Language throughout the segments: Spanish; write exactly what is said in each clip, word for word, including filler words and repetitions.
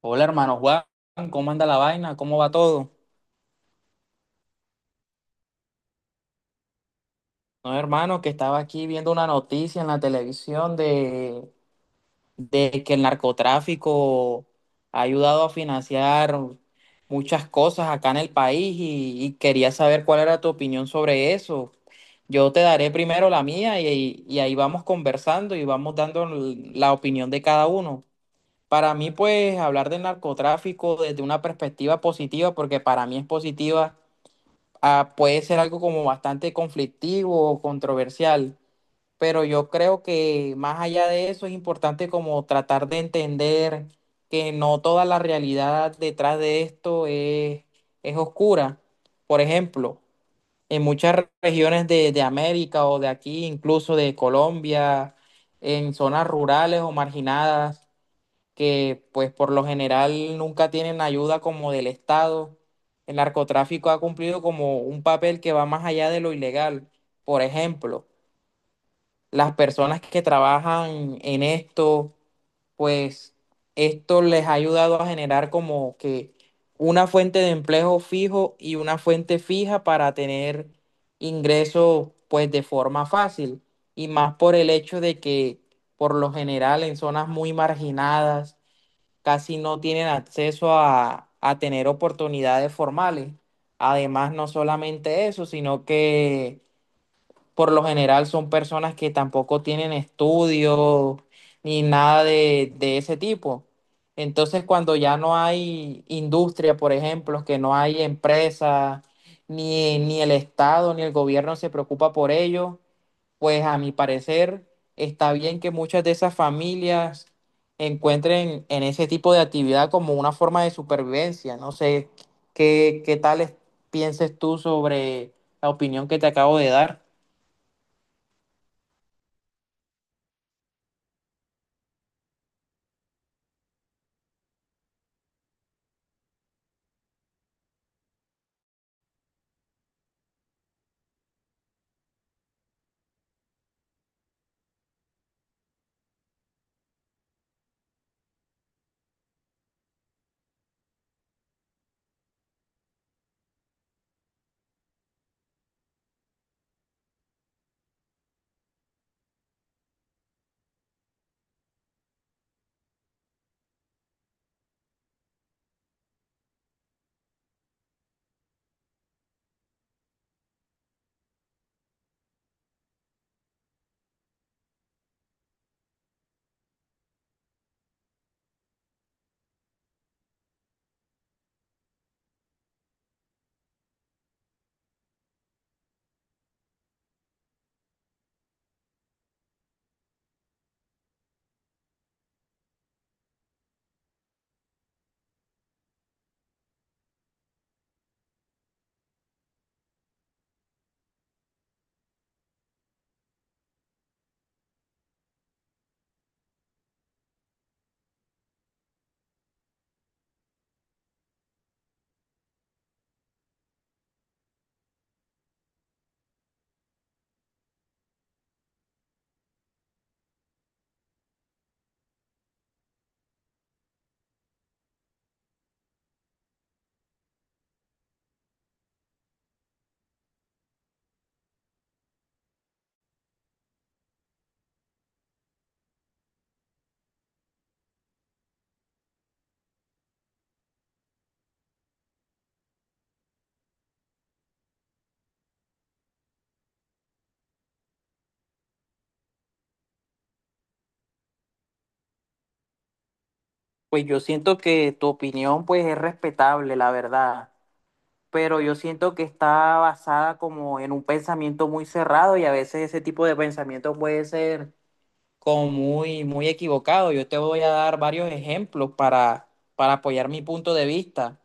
Hola hermano Juan, ¿cómo anda la vaina? ¿Cómo va todo? No, hermano, que estaba aquí viendo una noticia en la televisión de, de que el narcotráfico ha ayudado a financiar muchas cosas acá en el país y, y quería saber cuál era tu opinión sobre eso. Yo te daré primero la mía y, y ahí vamos conversando y vamos dando la opinión de cada uno. Para mí, pues, hablar del narcotráfico desde una perspectiva positiva, porque para mí es positiva ah, puede ser algo como bastante conflictivo o controversial, pero yo creo que más allá de eso es importante como tratar de entender que no toda la realidad detrás de esto es, es oscura. Por ejemplo, en muchas re- regiones de, de América o de aquí, incluso de Colombia, en zonas rurales o marginadas, que pues por lo general nunca tienen ayuda como del Estado. El narcotráfico ha cumplido como un papel que va más allá de lo ilegal. Por ejemplo, las personas que trabajan en esto, pues esto les ha ayudado a generar como que una fuente de empleo fijo y una fuente fija para tener ingresos pues de forma fácil. Y más por el hecho de que por lo general en zonas muy marginadas, casi no tienen acceso a, a tener oportunidades formales. Además, no solamente eso, sino que por lo general son personas que tampoco tienen estudios ni nada de, de ese tipo. Entonces, cuando ya no hay industria, por ejemplo, que no hay empresas, ni, ni el Estado, ni el gobierno se preocupa por ello, pues a mi parecer está bien que muchas de esas familias encuentren en ese tipo de actividad como una forma de supervivencia. No sé qué, qué tal es- pienses tú sobre la opinión que te acabo de dar. Pues yo siento que tu opinión pues es respetable, la verdad, pero yo siento que está basada como en un pensamiento muy cerrado y a veces ese tipo de pensamiento puede ser como muy, muy equivocado. Yo te voy a dar varios ejemplos para, para apoyar mi punto de vista.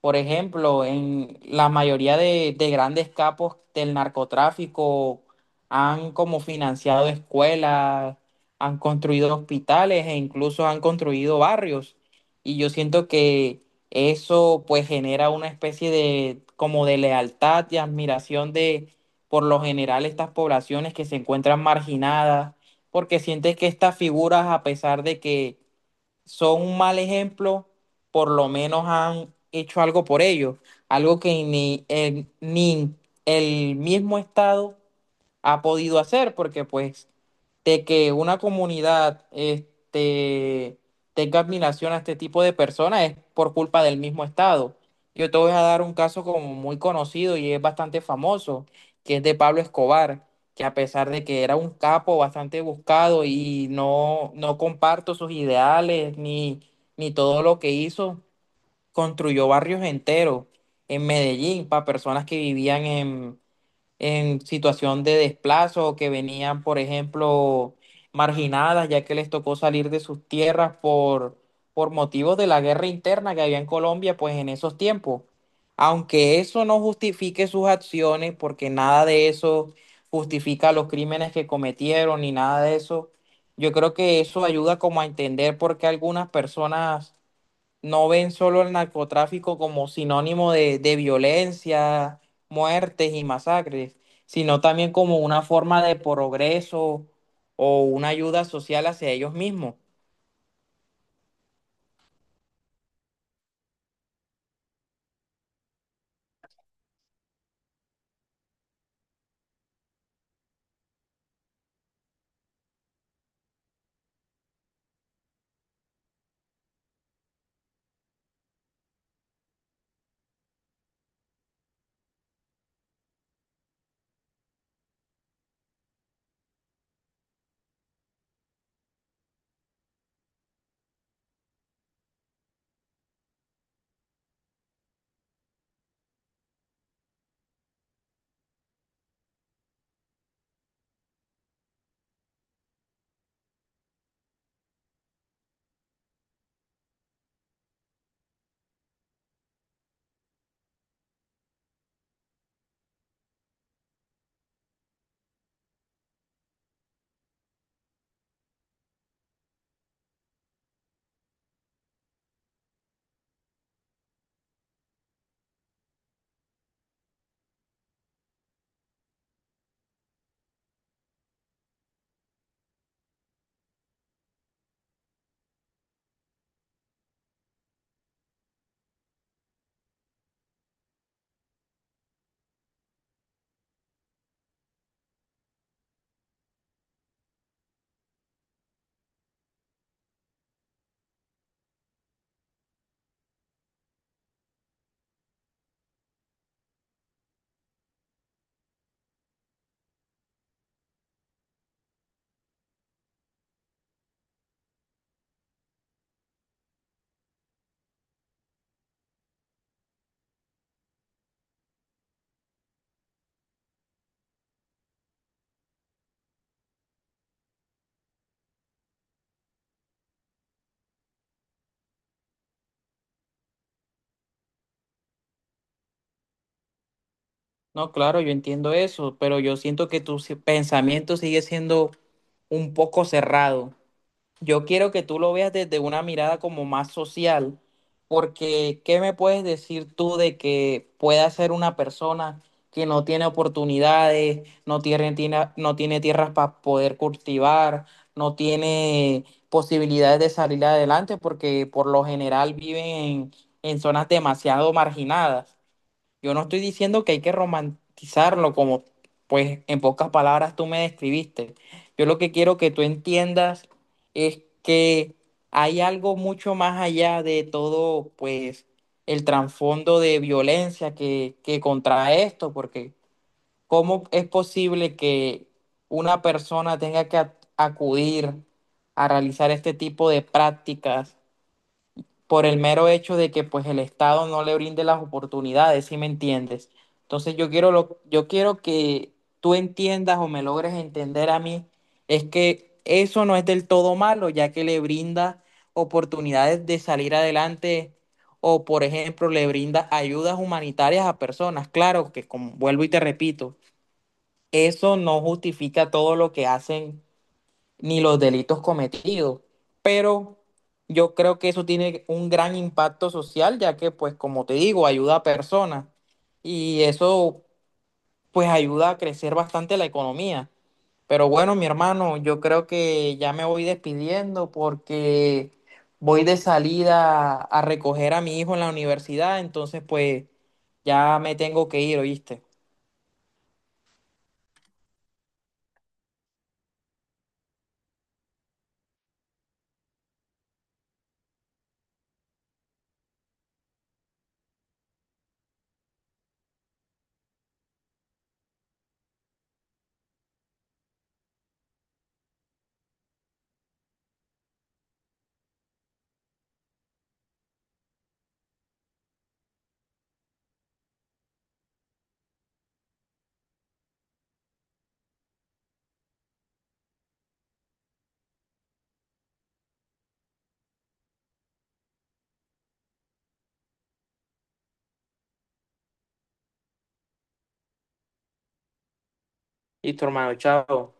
Por ejemplo, en la mayoría de, de grandes capos del narcotráfico han como financiado escuelas, han construido hospitales e incluso han construido barrios. Y yo siento que eso pues genera una especie de como de lealtad y admiración de por lo general estas poblaciones que se encuentran marginadas porque sientes que estas figuras, a pesar de que son un mal ejemplo, por lo menos han hecho algo por ellos, algo que ni el, ni el mismo Estado ha podido hacer, porque pues de que una comunidad este, tenga admiración a este tipo de personas es por culpa del mismo Estado. Yo te voy a dar un caso como muy conocido y es bastante famoso, que es de Pablo Escobar, que a pesar de que era un capo bastante buscado y no, no comparto sus ideales ni, ni todo lo que hizo, construyó barrios enteros en Medellín para personas que vivían en en situación de desplazo o que venían, por ejemplo, marginadas, ya que les tocó salir de sus tierras por, por motivos de la guerra interna que había en Colombia, pues en esos tiempos. Aunque eso no justifique sus acciones, porque nada de eso justifica los crímenes que cometieron ni nada de eso, yo creo que eso ayuda como a entender por qué algunas personas no ven solo el narcotráfico como sinónimo de, de violencia, muertes y masacres, sino también como una forma de progreso o una ayuda social hacia ellos mismos. No, claro, yo entiendo eso, pero yo siento que tu si- pensamiento sigue siendo un poco cerrado. Yo quiero que tú lo veas desde una mirada como más social, porque ¿qué me puedes decir tú de que pueda ser una persona que no tiene oportunidades, no tiene, tiene- no tiene tierras para poder cultivar, no tiene posibilidades de salir adelante, porque por lo general viven en en zonas demasiado marginadas? Yo no estoy diciendo que hay que romantizarlo como, pues, en pocas palabras tú me describiste. Yo lo que quiero que tú entiendas es que hay algo mucho más allá de todo, pues, el trasfondo de violencia que, que contrae esto, porque ¿cómo es posible que una persona tenga que a- acudir a realizar este tipo de prácticas? Por el mero hecho de que pues el Estado no le brinde las oportunidades, ¿si me entiendes? Entonces yo quiero lo, yo quiero que tú entiendas o me logres entender a mí, es que eso no es del todo malo, ya que le brinda oportunidades de salir adelante o por ejemplo le brinda ayudas humanitarias a personas. Claro que como vuelvo y te repito, eso no justifica todo lo que hacen ni los delitos cometidos. Pero yo creo que eso tiene un gran impacto social, ya que, pues, como te digo, ayuda a personas y eso, pues, ayuda a crecer bastante la economía. Pero bueno, mi hermano, yo creo que ya me voy despidiendo porque voy de salida a recoger a mi hijo en la universidad, entonces, pues, ya me tengo que ir, ¿oíste? Listo, hermano, chao.